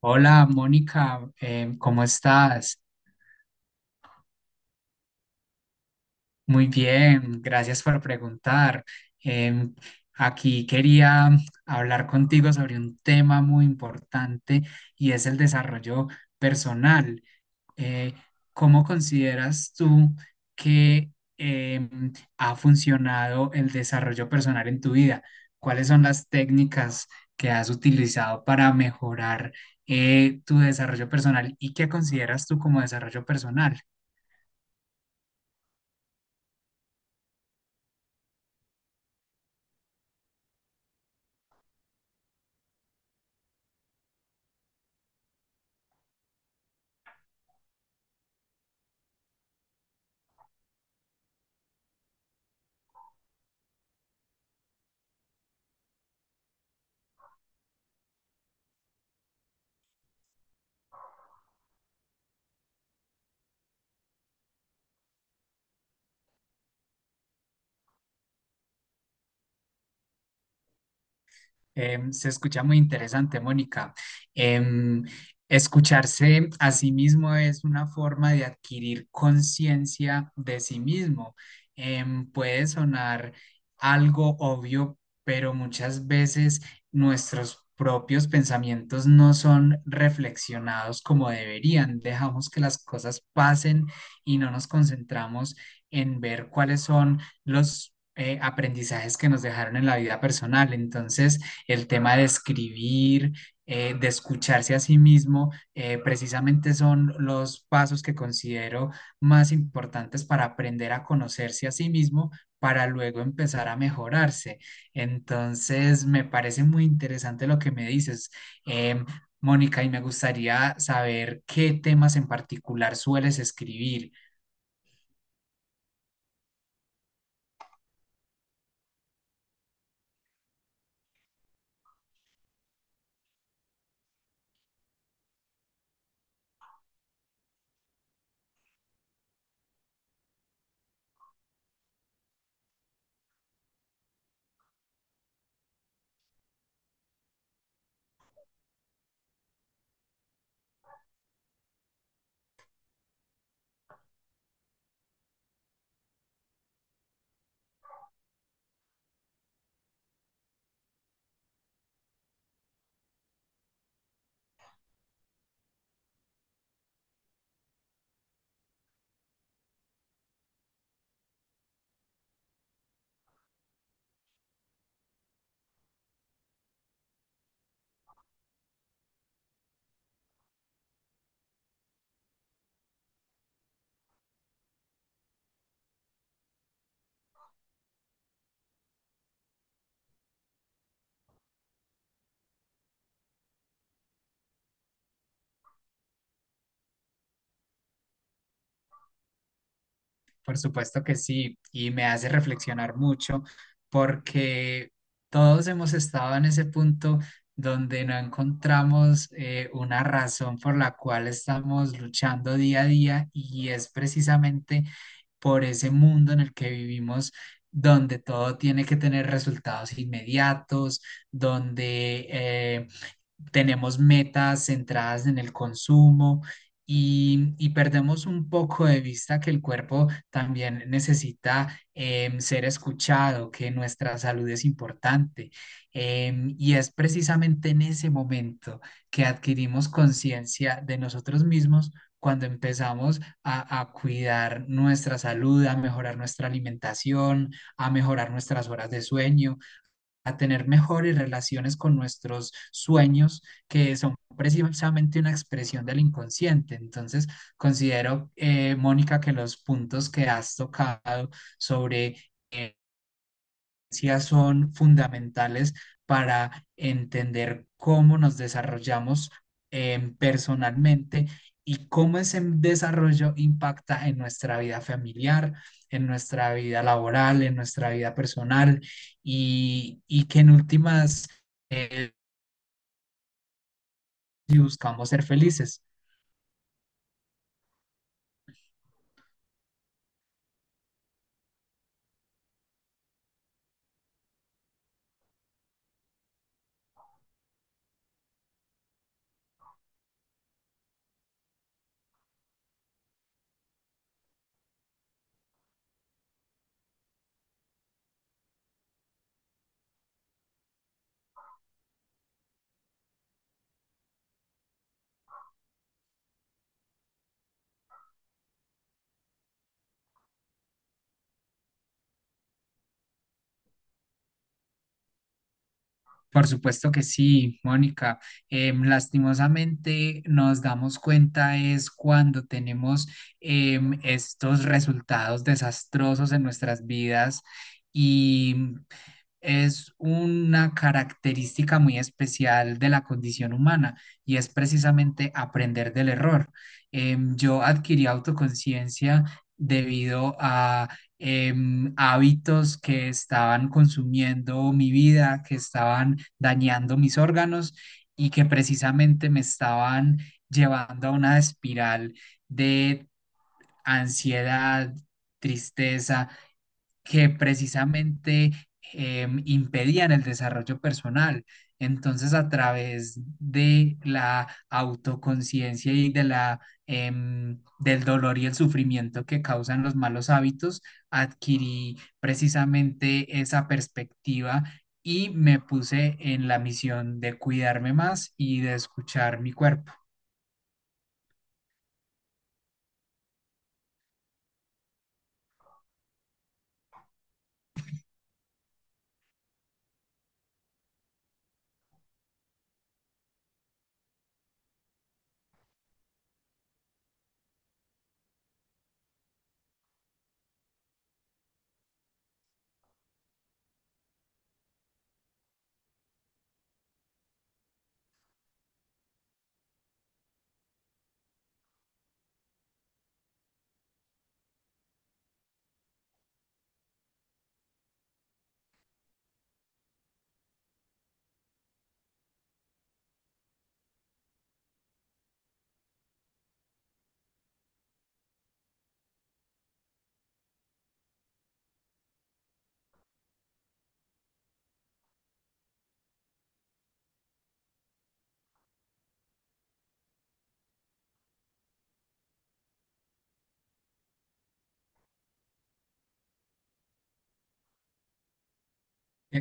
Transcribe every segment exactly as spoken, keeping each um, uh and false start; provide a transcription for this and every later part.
Hola, Mónica, em, ¿cómo estás? Muy bien, gracias por preguntar. Em, aquí quería hablar contigo sobre un tema muy importante y es el desarrollo personal. eh, ¿Cómo consideras tú que em, ha funcionado el desarrollo personal en tu vida? ¿Cuáles son las técnicas que has utilizado para mejorar eh, tu desarrollo personal y qué consideras tú como desarrollo personal? Em, se escucha muy interesante, Mónica. Em, Escucharse a sí mismo es una forma de adquirir conciencia de sí mismo. Em, puede sonar algo obvio, pero muchas veces nuestros propios pensamientos no son reflexionados como deberían. Dejamos que las cosas pasen y no nos concentramos en ver cuáles son los... eh, aprendizajes que nos dejaron en la vida personal. Entonces, el tema de escribir, eh, de escucharse a sí mismo, eh, precisamente son los pasos que considero más importantes para aprender a conocerse a sí mismo para luego empezar a mejorarse. Entonces, me parece muy interesante lo que me dices. Em, Mónica, y me gustaría saber qué temas en particular sueles escribir. Por supuesto que sí, y me hace reflexionar mucho porque todos hemos estado en ese punto donde no encontramos eh, una razón por la cual estamos luchando día a día, y es precisamente por ese mundo en el que vivimos donde todo tiene que tener resultados inmediatos, donde eh, tenemos metas centradas en el consumo y, y perdemos un poco de vista que el cuerpo también necesita em, ser escuchado, que nuestra salud es importante. Em, y es precisamente en ese momento que adquirimos conciencia de nosotros mismos, cuando empezamos a, a cuidar nuestra salud, a mejorar nuestra alimentación, a mejorar nuestras horas de sueño, a tener mejores relaciones con nuestros sueños, que son precisamente una expresión del inconsciente. Entonces, considero, eh, Mónica, que los puntos que has tocado sobre son fundamentales para entender cómo nos desarrollamos em, personalmente, y cómo ese desarrollo impacta en nuestra vida familiar, en nuestra vida laboral, en nuestra vida personal y, y que en últimas, eh, si buscamos ser felices. Por supuesto que sí, Mónica. Em, lastimosamente nos damos cuenta es cuando tenemos em, estos resultados desastrosos en nuestras vidas, y es una característica muy especial de la condición humana, y es precisamente aprender del error. Em, yo adquirí autoconciencia debido a em, hábitos que estaban consumiendo mi vida, que estaban dañando mis órganos y que precisamente me estaban llevando a una espiral de ansiedad, tristeza, que precisamente em, impedían el desarrollo personal. Entonces, a través de la autoconciencia y de la, em, del dolor y el sufrimiento que causan los malos hábitos, adquirí precisamente esa perspectiva y me puse en la misión de cuidarme más y de escuchar mi cuerpo. E-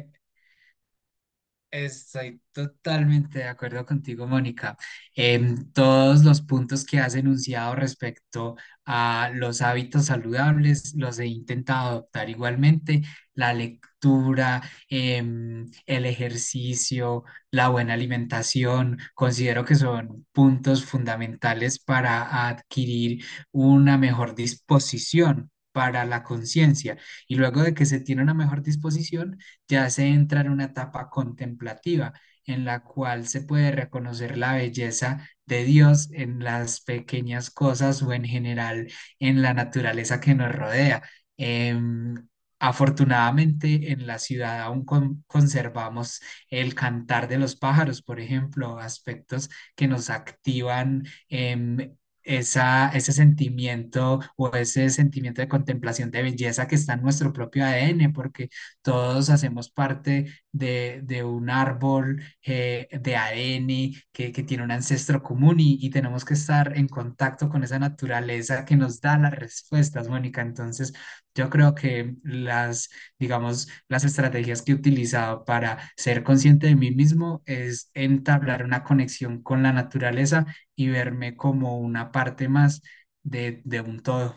Estoy totalmente de acuerdo contigo, Mónica. En todos los puntos que has enunciado respecto a los hábitos saludables, los he intentado adoptar igualmente. La lectura, em, el ejercicio, la buena alimentación, considero que son puntos fundamentales para adquirir una mejor disposición para la conciencia, y luego de que se tiene una mejor disposición, te hace entrar en una etapa contemplativa en la cual se puede reconocer la belleza de Dios en las pequeñas cosas o en general en la naturaleza que nos rodea. Em, Afortunadamente en la ciudad aún con- conservamos el cantar de los pájaros, por ejemplo, aspectos que nos activan em, esa, ese sentimiento o ese sentimiento de contemplación de belleza que está en nuestro propio A D N, porque todos hacemos parte de, de un árbol eh, de A D N que, que tiene un ancestro común y, y tenemos que estar en contacto con esa naturaleza que nos da las respuestas, Mónica. Entonces, yo creo que las, digamos, las estrategias que he utilizado para ser consciente de mí mismo es entablar una conexión con la naturaleza y verme como una parte más de, de un todo.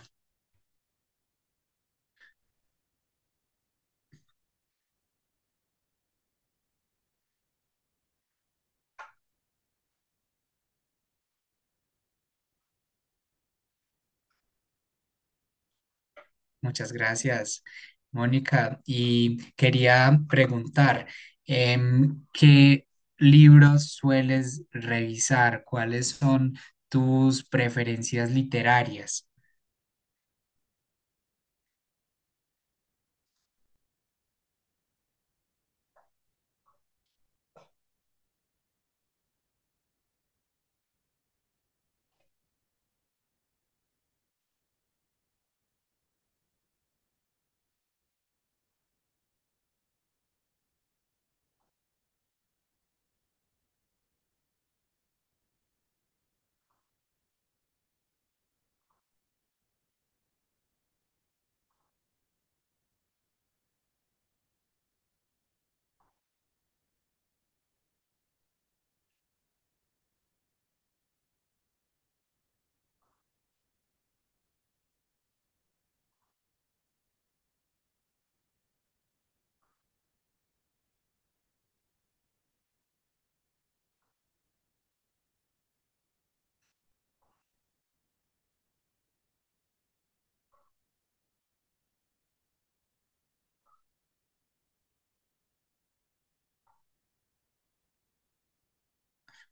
Muchas gracias, Mónica. Y quería preguntar, em, ¿qué libros sueles revisar? ¿Cuáles son tus preferencias literarias?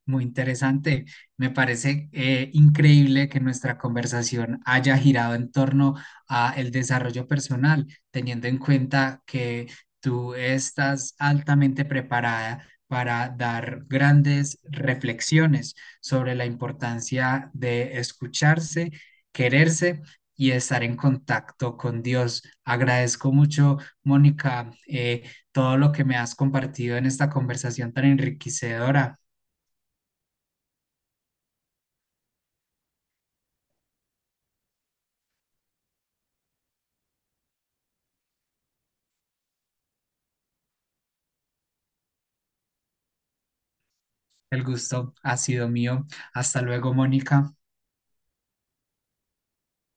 Muy interesante. Me parece eh, increíble que nuestra conversación haya girado en torno a el desarrollo personal, teniendo en cuenta que tú estás altamente preparada para dar grandes reflexiones sobre la importancia de escucharse, quererse y estar en contacto con Dios. Agradezco mucho, Mónica, eh, todo lo que me has compartido en esta conversación tan enriquecedora. El gusto ha sido mío. Hasta luego, Mónica.